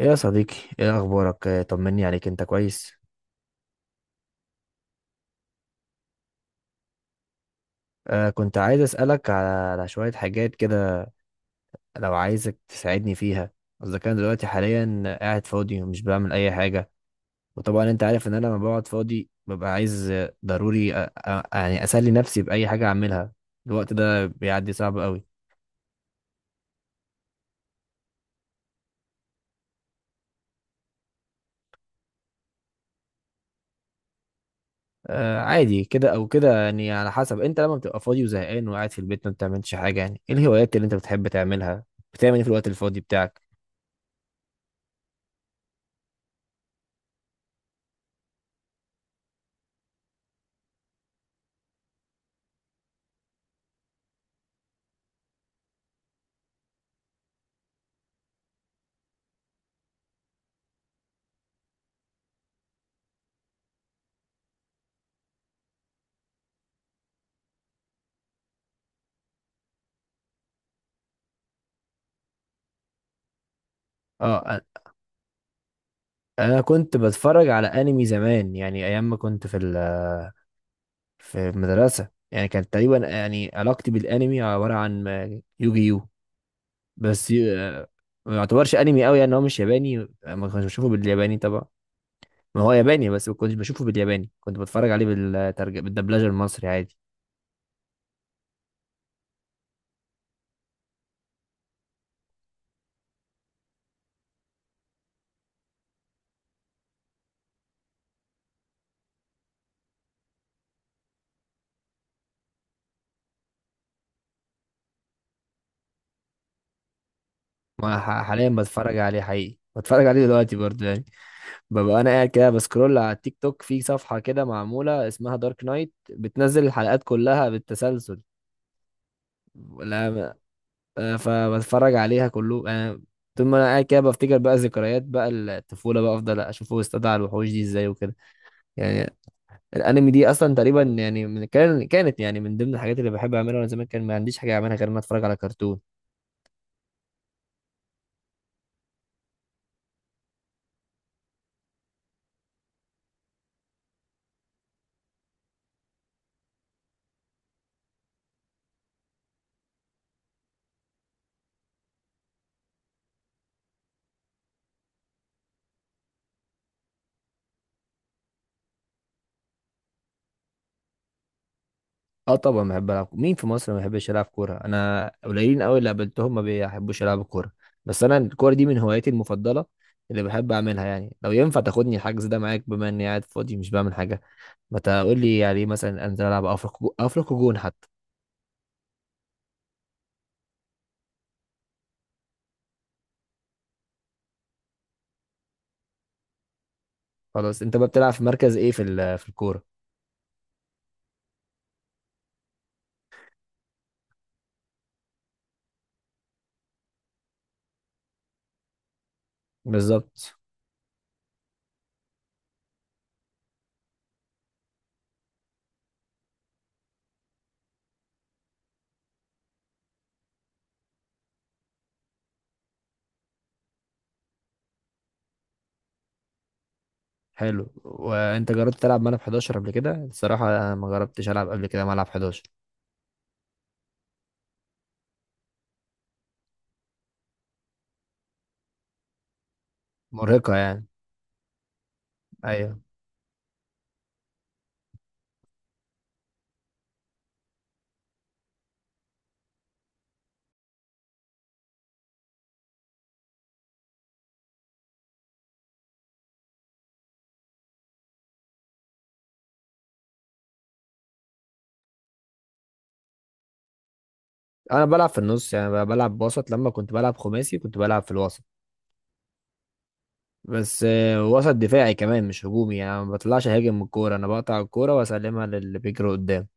ايه يا صديقي، ايه اخبارك؟ طمني عليك، انت كويس؟ آه، كنت عايز اسالك على شويه حاجات كده، لو عايزك تساعدني فيها، اذا كان دلوقتي حاليا قاعد فاضي ومش بعمل اي حاجه. وطبعا انت عارف ان انا لما بقعد فاضي ببقى عايز ضروري، يعني اسلي نفسي باي حاجه اعملها. الوقت ده بيعدي صعب قوي. آه، عادي كده او كده، يعني على حسب. انت لما بتبقى فاضي وزهقان وقاعد في البيت ما بتعملش حاجه، يعني ايه الهوايات اللي انت بتحب تعملها؟ بتعمل ايه في الوقت الفاضي بتاعك؟ اه، انا كنت بتفرج على انمي زمان، يعني ايام ما كنت في في المدرسه. يعني كانت تقريبا يعني علاقتي بالانمي عباره عن يوجي يو. بس يو- ما يعتبرش انمي قوي، يعني هو مش ياباني، ما كنتش بشوفه بالياباني طبعا. ما هو ياباني، بس ما كنتش بشوفه بالياباني، كنت بتفرج عليه بالترجمه، بالدبلجه المصري عادي. ما ح- حاليا بتفرج عليه، حقيقي بتفرج عليه دلوقتي برضه يعني. ببقى انا قاعد كده بسكرول على التيك توك، في صفحه كده معموله اسمها دارك نايت، بتنزل الحلقات كلها بالتسلسل. لا. فبتفرج عليها كله. انا طول ما انا قاعد كده بفتكر بقى ذكريات بقى الطفوله، بقى افضل اشوفه واستدعى على الوحوش دي ازاي وكده يعني. الانمي دي اصلا تقريبا يعني من كان كانت يعني من ضمن الحاجات اللي بحب اعملها وانا زمان، كان ما عنديش حاجه اعملها غير ان أنا اتفرج على كرتون. اه طبعا بحب العب. مين في مصر ما بيحبش يلعب كوره؟ انا قليلين قوي اللي قابلتهم ما بيحبوش يلعبوا كوره. بس انا الكوره دي من هواياتي المفضله اللي بحب اعملها. يعني لو ينفع تاخدني الحجز ده معاك بما اني قاعد فاضي مش بعمل حاجه، ما تقول لي يعني مثلا انزل العب، افرق جون حتى. خلاص، انت بقى بتلعب في مركز ايه في في الكوره؟ بالظبط. حلو، وانت جربت تلعب ملعب 11 قبل كده؟ الصراحه انا ما جربتش العب قبل كده ملعب 11. مرهقه يعني. ايوه، انا بلعب في النص، يعني بلعب وسط. لما كنت بلعب خماسي كنت بلعب في الوسط. بس وسط دفاعي كمان، مش هجومي. يعني أنا ما بطلعش هاجم من الكوره، انا بقطع الكوره واسلمها للي بيجري قدام.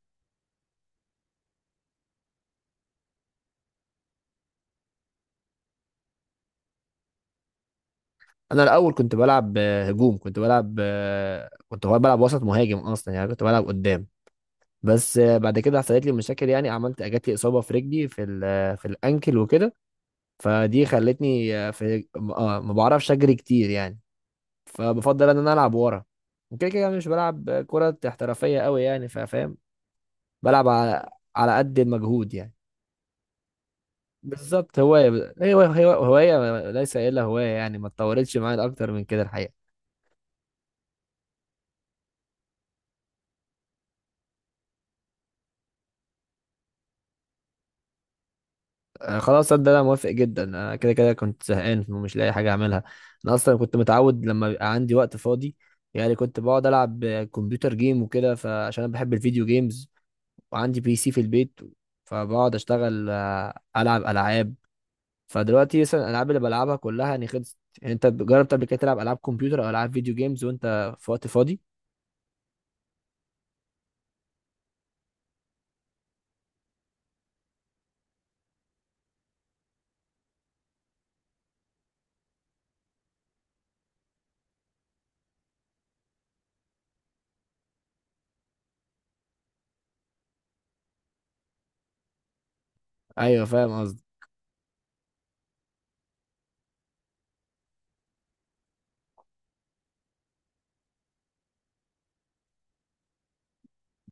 انا الاول كنت بلعب هجوم، كنت بلعب كنت هو بلعب وسط مهاجم اصلا، يعني كنت بلعب قدام. بس بعد كده حصلت لي مشاكل، يعني عملت جات لي اصابه في رجلي في في الانكل وكده. فدي خلتني آه، في آه، ما بعرفش اجري كتير يعني. فبفضل ان انا العب ورا. وكده كده أنا مش بلعب كره احترافيه قوي يعني، فاهم؟ بلعب على قد المجهود يعني. بالظبط، هوايه، هي هوايه، هواية ليس الا، هوايه يعني ما اتطورتش معايا اكتر من كده الحقيقه. خلاص، صدق انا موافق جدا. انا كده كده كنت زهقان ومش لاقي حاجه اعملها. انا اصلا كنت متعود لما بيبقى عندي وقت فاضي، يعني كنت بقعد العب كمبيوتر جيم وكده، فعشان انا بحب الفيديو جيمز، وعندي بي سي في البيت. فبقعد اشتغل العب العاب. فدلوقتي مثلا الالعاب اللي بلعبها كلها يعني خلصت. يعني انت جربت قبل كده تلعب العاب كمبيوتر او العاب فيديو جيمز وانت في وقت فاضي؟ ايوه فاهم قصدي.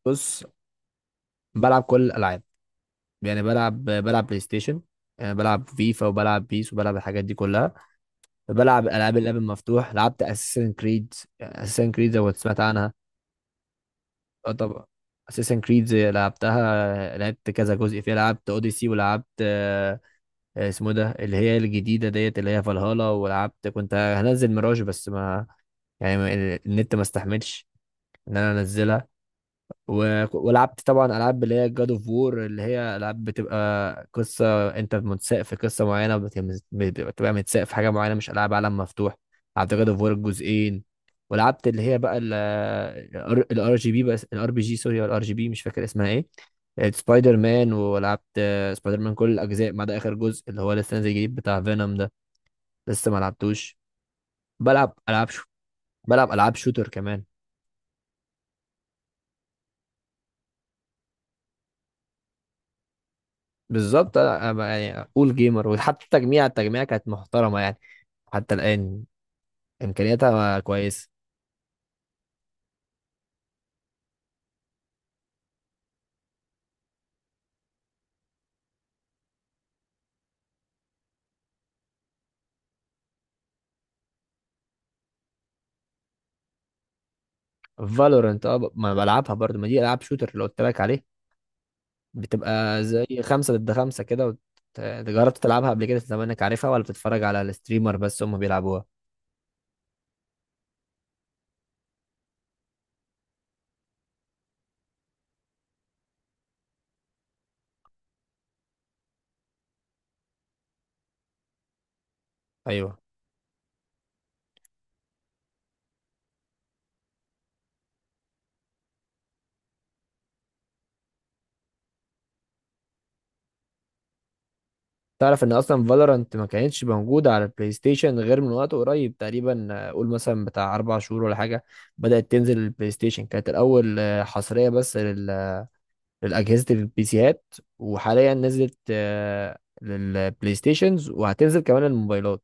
بص، بلعب كل الالعاب، يعني بلعب بلعب بلاي ستيشن، بلعب فيفا وبلعب بيس وبلعب الحاجات دي كلها. بلعب العاب الاب المفتوح، لعبت اساسن كريد. اساسن كريد زي ما سمعت عنها. اه طبعا. اساسن كريد لعبتها، لعبت كذا جزء فيها، لعبت اوديسي ولعبت اسمه إيه ده اللي هي الجديده ديت، اللي هي فالهالا. ولعبت كنت هنزل ميراج بس، ما يعني ما- النت ما استحملش ان انا انزلها. ولعبت طبعا العاب اللي هي جاد اوف وور، اللي هي العاب بتبقى قصه، انت متساق في قصه معينه، بتبقى متساق في حاجه معينه، مش العاب عالم مفتوح. لعبت جاد اوف وور الجزئين. ولعبت اللي هي بقى الار جي بي، بس الار بي جي سوري، الار جي بي مش فاكر اسمها ايه. سبايدر مان، ولعبت سبايدر مان كل الاجزاء ما عدا اخر جزء اللي هو لسه نازل جديد بتاع فينوم ده، لسه ما لعبتوش. بلعب العاب شو، بلعب العاب شوتر كمان. بالظبط، أنا يعني اقول جيمر. وحتى التجميع، كانت محترمه يعني، حتى الان امكانياتها كويسه. فالورنت، اه ما بلعبها برضو، ما دي العاب شوتر اللي قلت لك عليه. بتبقى زي خمسة ضد خمسة كده جربت تلعبها قبل كده؟ زمانك عارفها ولا بتتفرج على الستريمر بس هم بيلعبوها؟ ايوه. تعرف ان اصلا فالورنت ما كانتش موجوده على البلاي ستيشن غير من وقت قريب تقريبا، قول مثلا بتاع 4 شهور ولا حاجه. بدات تنزل البلاي ستيشن. كانت الاول حصريه بس لأجهزة البي سيهات، وحاليا نزلت للبلاي ستيشنز وهتنزل كمان الموبايلات.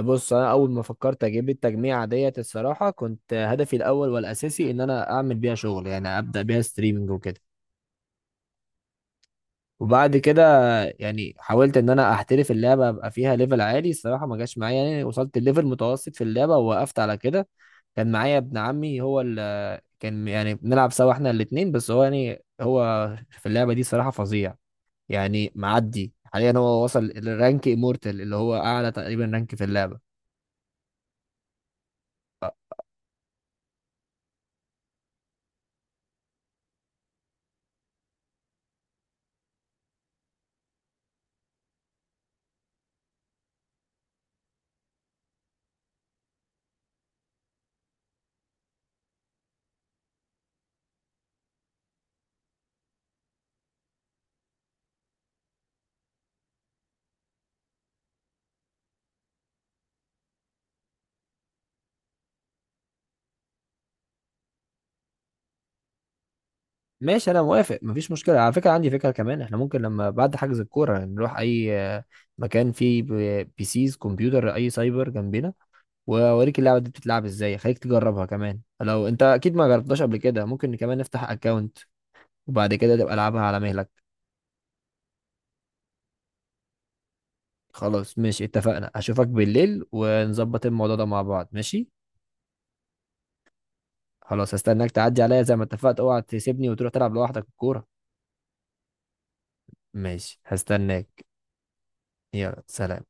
بص انا اول ما فكرت اجيب التجميعة ديت الصراحة كنت هدفي الاول والاساسي ان انا اعمل بيها شغل، يعني ابدا بيها ستريمنج وكده. وبعد كده يعني حاولت ان انا احترف اللعبة ابقى فيها ليفل عالي، الصراحة ما جاش معايا يعني. وصلت الليفل متوسط في اللعبة ووقفت على كده. كان معايا ابن عمي، هو ال كان يعني بنلعب سوا احنا الاتنين، بس هو يعني هو في اللعبة دي صراحة فظيع يعني. معدي حاليا هو وصل للرانك امورتال اللي هو اعلى تقريبا رانك في اللعبه. ماشي، انا موافق مفيش مشكله. على فكره عندي فكره كمان، احنا ممكن لما بعد حجز الكوره نروح اي مكان فيه بيسيز كمبيوتر، اي سايبر جنبنا، واوريك اللعبه دي بتتلعب ازاي، خليك تجربها كمان لو انت اكيد ما جربتهاش قبل كده. ممكن كمان نفتح اكونت، وبعد كده تبقى العبها على مهلك. خلاص ماشي اتفقنا، اشوفك بالليل ونظبط الموضوع ده مع بعض، ماشي؟ خلاص هستناك تعدي عليا زي ما اتفقت، اوعى تسيبني وتروح تلعب لوحدك الكوره. ماشي هستناك. يلا سلام.